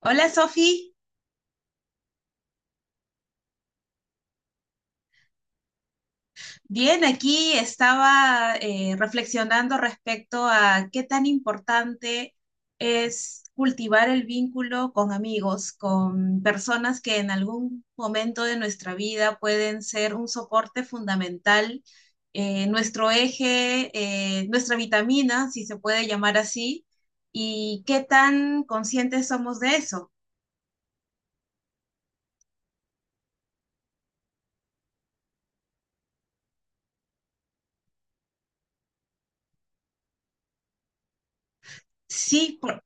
Hola Sofi, bien, aquí estaba reflexionando respecto a qué tan importante es cultivar el vínculo con amigos, con personas que en algún momento de nuestra vida pueden ser un soporte fundamental, nuestro eje, nuestra vitamina, si se puede llamar así, y qué tan conscientes somos de eso. Sí.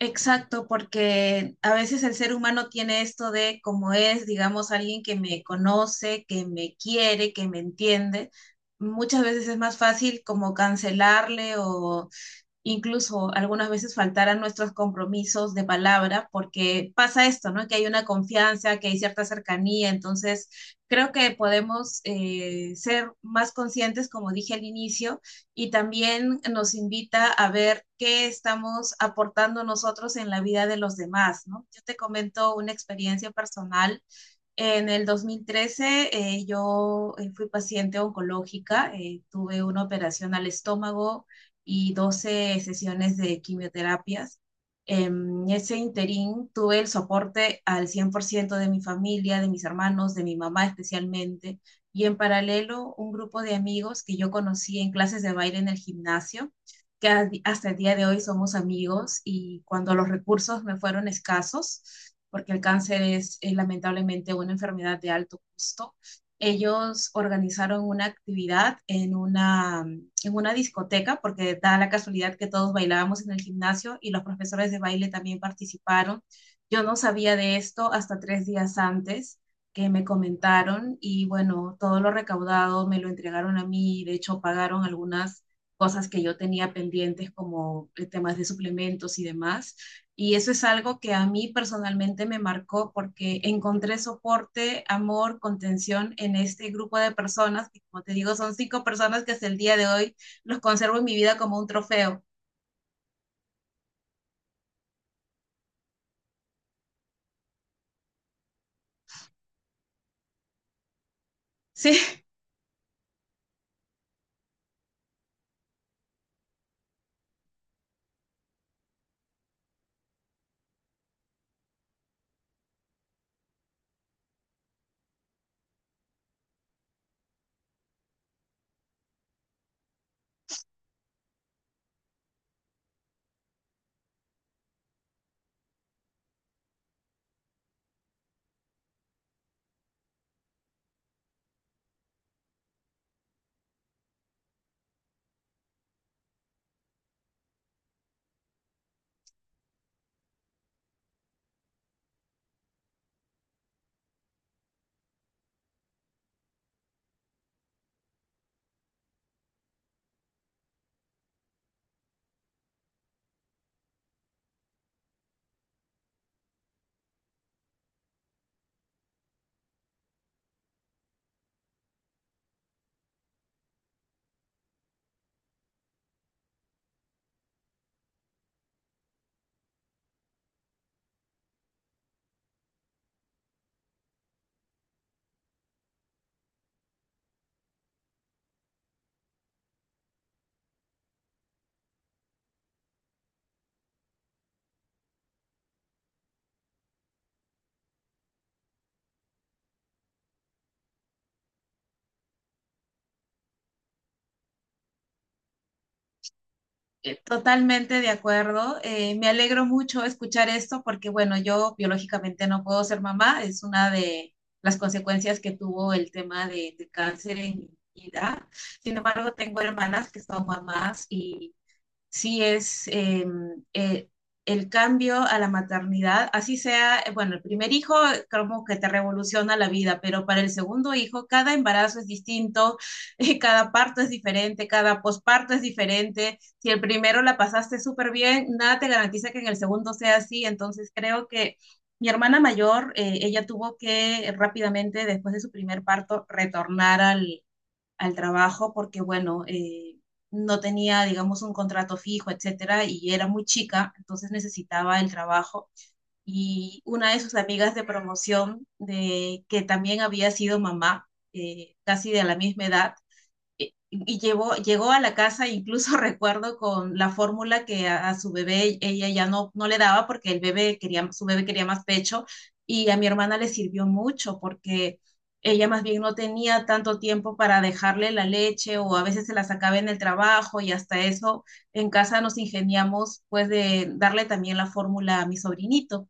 Exacto, porque a veces el ser humano tiene esto de como es, digamos, alguien que me conoce, que me quiere, que me entiende. Muchas veces es más fácil como cancelarle o incluso algunas veces faltar a nuestros compromisos de palabra, porque pasa esto, ¿no? Que hay una confianza, que hay cierta cercanía, entonces creo que podemos ser más conscientes, como dije al inicio, y también nos invita a ver qué estamos aportando nosotros en la vida de los demás, ¿no? Yo te comento una experiencia personal en el 2013 yo fui paciente oncológica, tuve una operación al estómago y 12 sesiones de quimioterapias. En ese interín tuve el soporte al 100% de mi familia, de mis hermanos, de mi mamá especialmente, y en paralelo un grupo de amigos que yo conocí en clases de baile en el gimnasio que hasta el día de hoy somos amigos y cuando los recursos me fueron escasos, porque el cáncer es lamentablemente una enfermedad de alto costo, ellos organizaron una actividad en una discoteca, porque da la casualidad que todos bailábamos en el gimnasio y los profesores de baile también participaron. Yo no sabía de esto hasta 3 días antes que me comentaron y bueno, todo lo recaudado me lo entregaron a mí, de hecho pagaron algunas cosas que yo tenía pendientes como temas de suplementos y demás. Y eso es algo que a mí personalmente me marcó porque encontré soporte, amor, contención en este grupo de personas, que como te digo, son cinco personas que hasta el día de hoy los conservo en mi vida como un trofeo. Sí, totalmente de acuerdo. Me alegro mucho escuchar esto porque, bueno, yo biológicamente no puedo ser mamá. Es una de las consecuencias que tuvo el tema de cáncer en mi vida. Sin embargo, tengo hermanas que son mamás y sí es eh, el cambio a la maternidad, así sea, bueno, el primer hijo como que te revoluciona la vida, pero para el segundo hijo cada embarazo es distinto, cada parto es diferente, cada posparto es diferente. Si el primero la pasaste súper bien, nada te garantiza que en el segundo sea así, entonces creo que... Mi hermana mayor, ella tuvo que rápidamente, después de su primer parto, retornar al trabajo porque, bueno, no tenía, digamos, un contrato fijo, etcétera, y era muy chica, entonces necesitaba el trabajo. Y una de sus amigas de promoción, que también había sido mamá, casi de la misma edad, y llegó a la casa, incluso recuerdo con la fórmula que a su bebé ella ya no le daba porque su bebé quería más pecho y a mi hermana le sirvió mucho porque ella más bien no tenía tanto tiempo para dejarle la leche o a veces se la sacaba en el trabajo y hasta eso en casa nos ingeniamos pues de darle también la fórmula a mi sobrinito.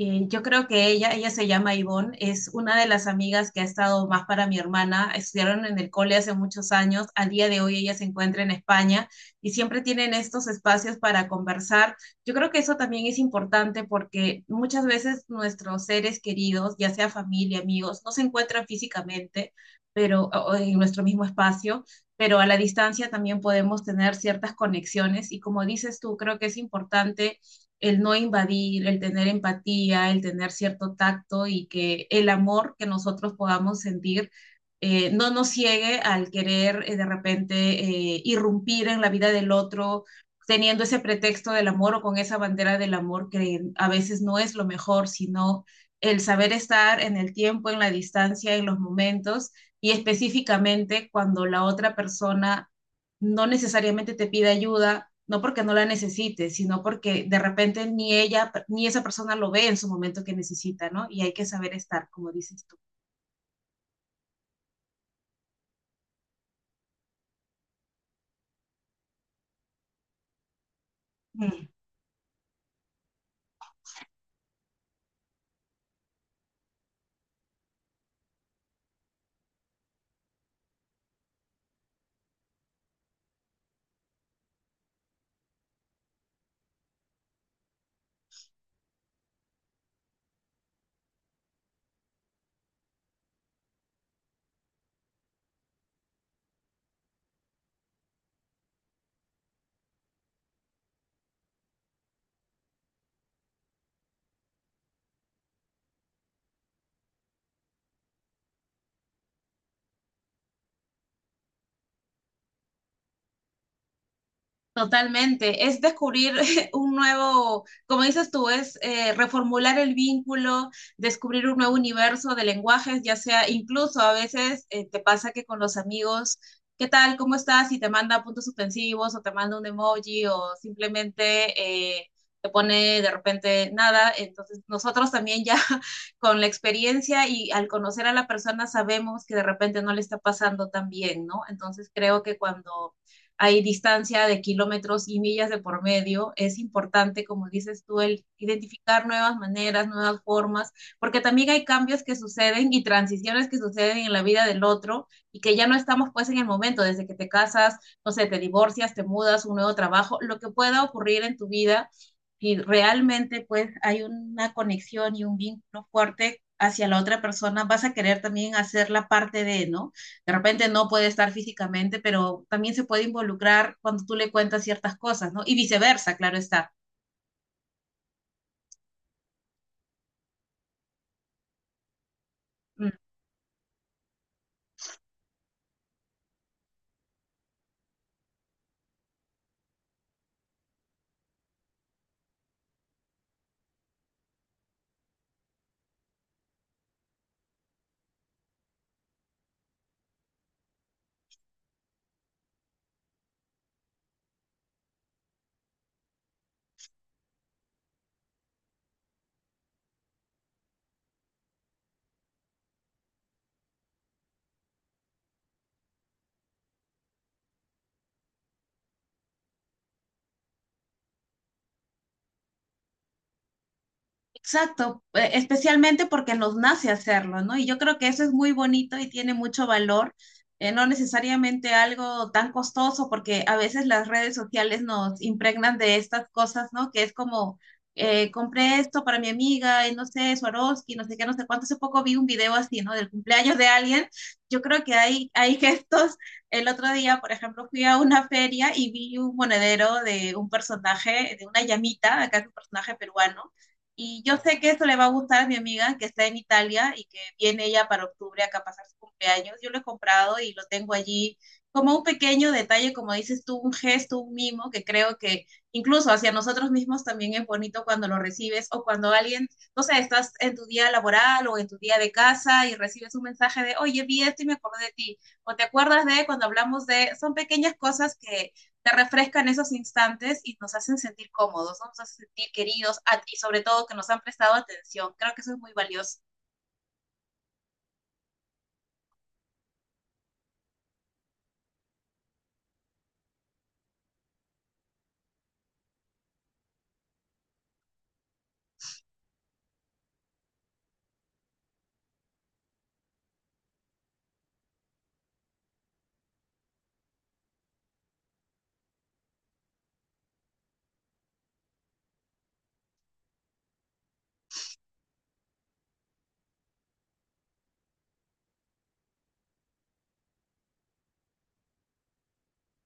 Yo creo que ella se llama Ivonne, es una de las amigas que ha estado más para mi hermana. Estudiaron en el cole hace muchos años, al día de hoy ella se encuentra en España y siempre tienen estos espacios para conversar. Yo creo que eso también es importante porque muchas veces nuestros seres queridos, ya sea familia, amigos, no se encuentran físicamente, pero o en nuestro mismo espacio, pero a la distancia también podemos tener ciertas conexiones y como dices tú, creo que es importante el no invadir, el tener empatía, el tener cierto tacto y que el amor que nosotros podamos sentir no nos ciegue al querer de repente irrumpir en la vida del otro teniendo ese pretexto del amor o con esa bandera del amor que a veces no es lo mejor, sino el saber estar en el tiempo, en la distancia, en los momentos y específicamente cuando la otra persona no necesariamente te pide ayuda, no porque no la necesite, sino porque de repente ni ella, ni esa persona lo ve en su momento que necesita, ¿no? Y hay que saber estar, como dices tú. Totalmente, es descubrir un nuevo, como dices tú, es reformular el vínculo, descubrir un nuevo universo de lenguajes, ya sea incluso a veces te pasa que con los amigos, ¿qué tal? ¿Cómo estás? Y te manda puntos suspensivos o te manda un emoji o simplemente te pone de repente nada. Entonces nosotros también ya con la experiencia y al conocer a la persona sabemos que de repente no le está pasando tan bien, ¿no? Entonces creo que cuando hay distancia de kilómetros y millas de por medio, es importante, como dices tú, el identificar nuevas maneras, nuevas formas, porque también hay cambios que suceden y transiciones que suceden en la vida del otro y que ya no estamos pues en el momento, desde que te casas, no sé, te divorcias, te mudas, un nuevo trabajo, lo que pueda ocurrir en tu vida. Y realmente pues hay una conexión y un vínculo fuerte hacia la otra persona, vas a querer también hacer la parte de, ¿no? De repente no puede estar físicamente, pero también se puede involucrar cuando tú le cuentas ciertas cosas, ¿no? Y viceversa, claro está. Mm. Exacto, especialmente porque nos nace hacerlo, ¿no? Y yo creo que eso es muy bonito y tiene mucho valor, no necesariamente algo tan costoso, porque a veces las redes sociales nos impregnan de estas cosas, ¿no? Que es como, compré esto para mi amiga, y no sé, Swarovski, no sé qué, no sé cuánto. Hace poco vi un video así, ¿no? Del cumpleaños de alguien. Yo creo que hay gestos. El otro día, por ejemplo, fui a una feria y vi un monedero de un personaje, de una llamita, acá es un personaje peruano y yo sé que esto le va a gustar a mi amiga que está en Italia y que viene ella para octubre acá a pasar su cumpleaños. Yo lo he comprado y lo tengo allí como un pequeño detalle, como dices tú, un gesto, un mimo, que creo que incluso hacia nosotros mismos también es bonito cuando lo recibes o cuando alguien, no sé, estás en tu día laboral o en tu día de casa y recibes un mensaje de, oye, vi esto y me acordé de ti, o te acuerdas de cuando hablamos de, son pequeñas cosas que te refrescan esos instantes y nos hacen sentir cómodos, ¿no? Nos hacen sentir queridos y sobre todo que nos han prestado atención. Creo que eso es muy valioso.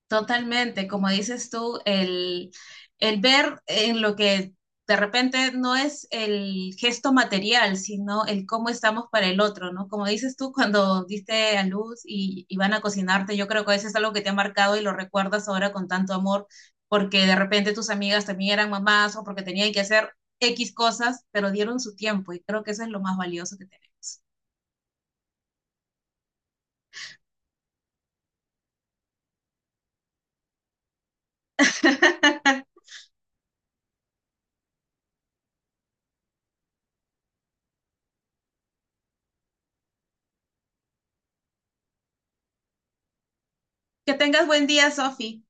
Totalmente, como dices tú, el ver en lo que de repente no es el gesto material, sino el cómo estamos para el otro, ¿no? Como dices tú, cuando diste a luz y van a cocinarte, yo creo que eso es algo que te ha marcado y lo recuerdas ahora con tanto amor, porque de repente tus amigas también eran mamás o porque tenían que hacer X cosas, pero dieron su tiempo y creo que eso es lo más valioso que tenemos. Que tengas buen día, Sofi.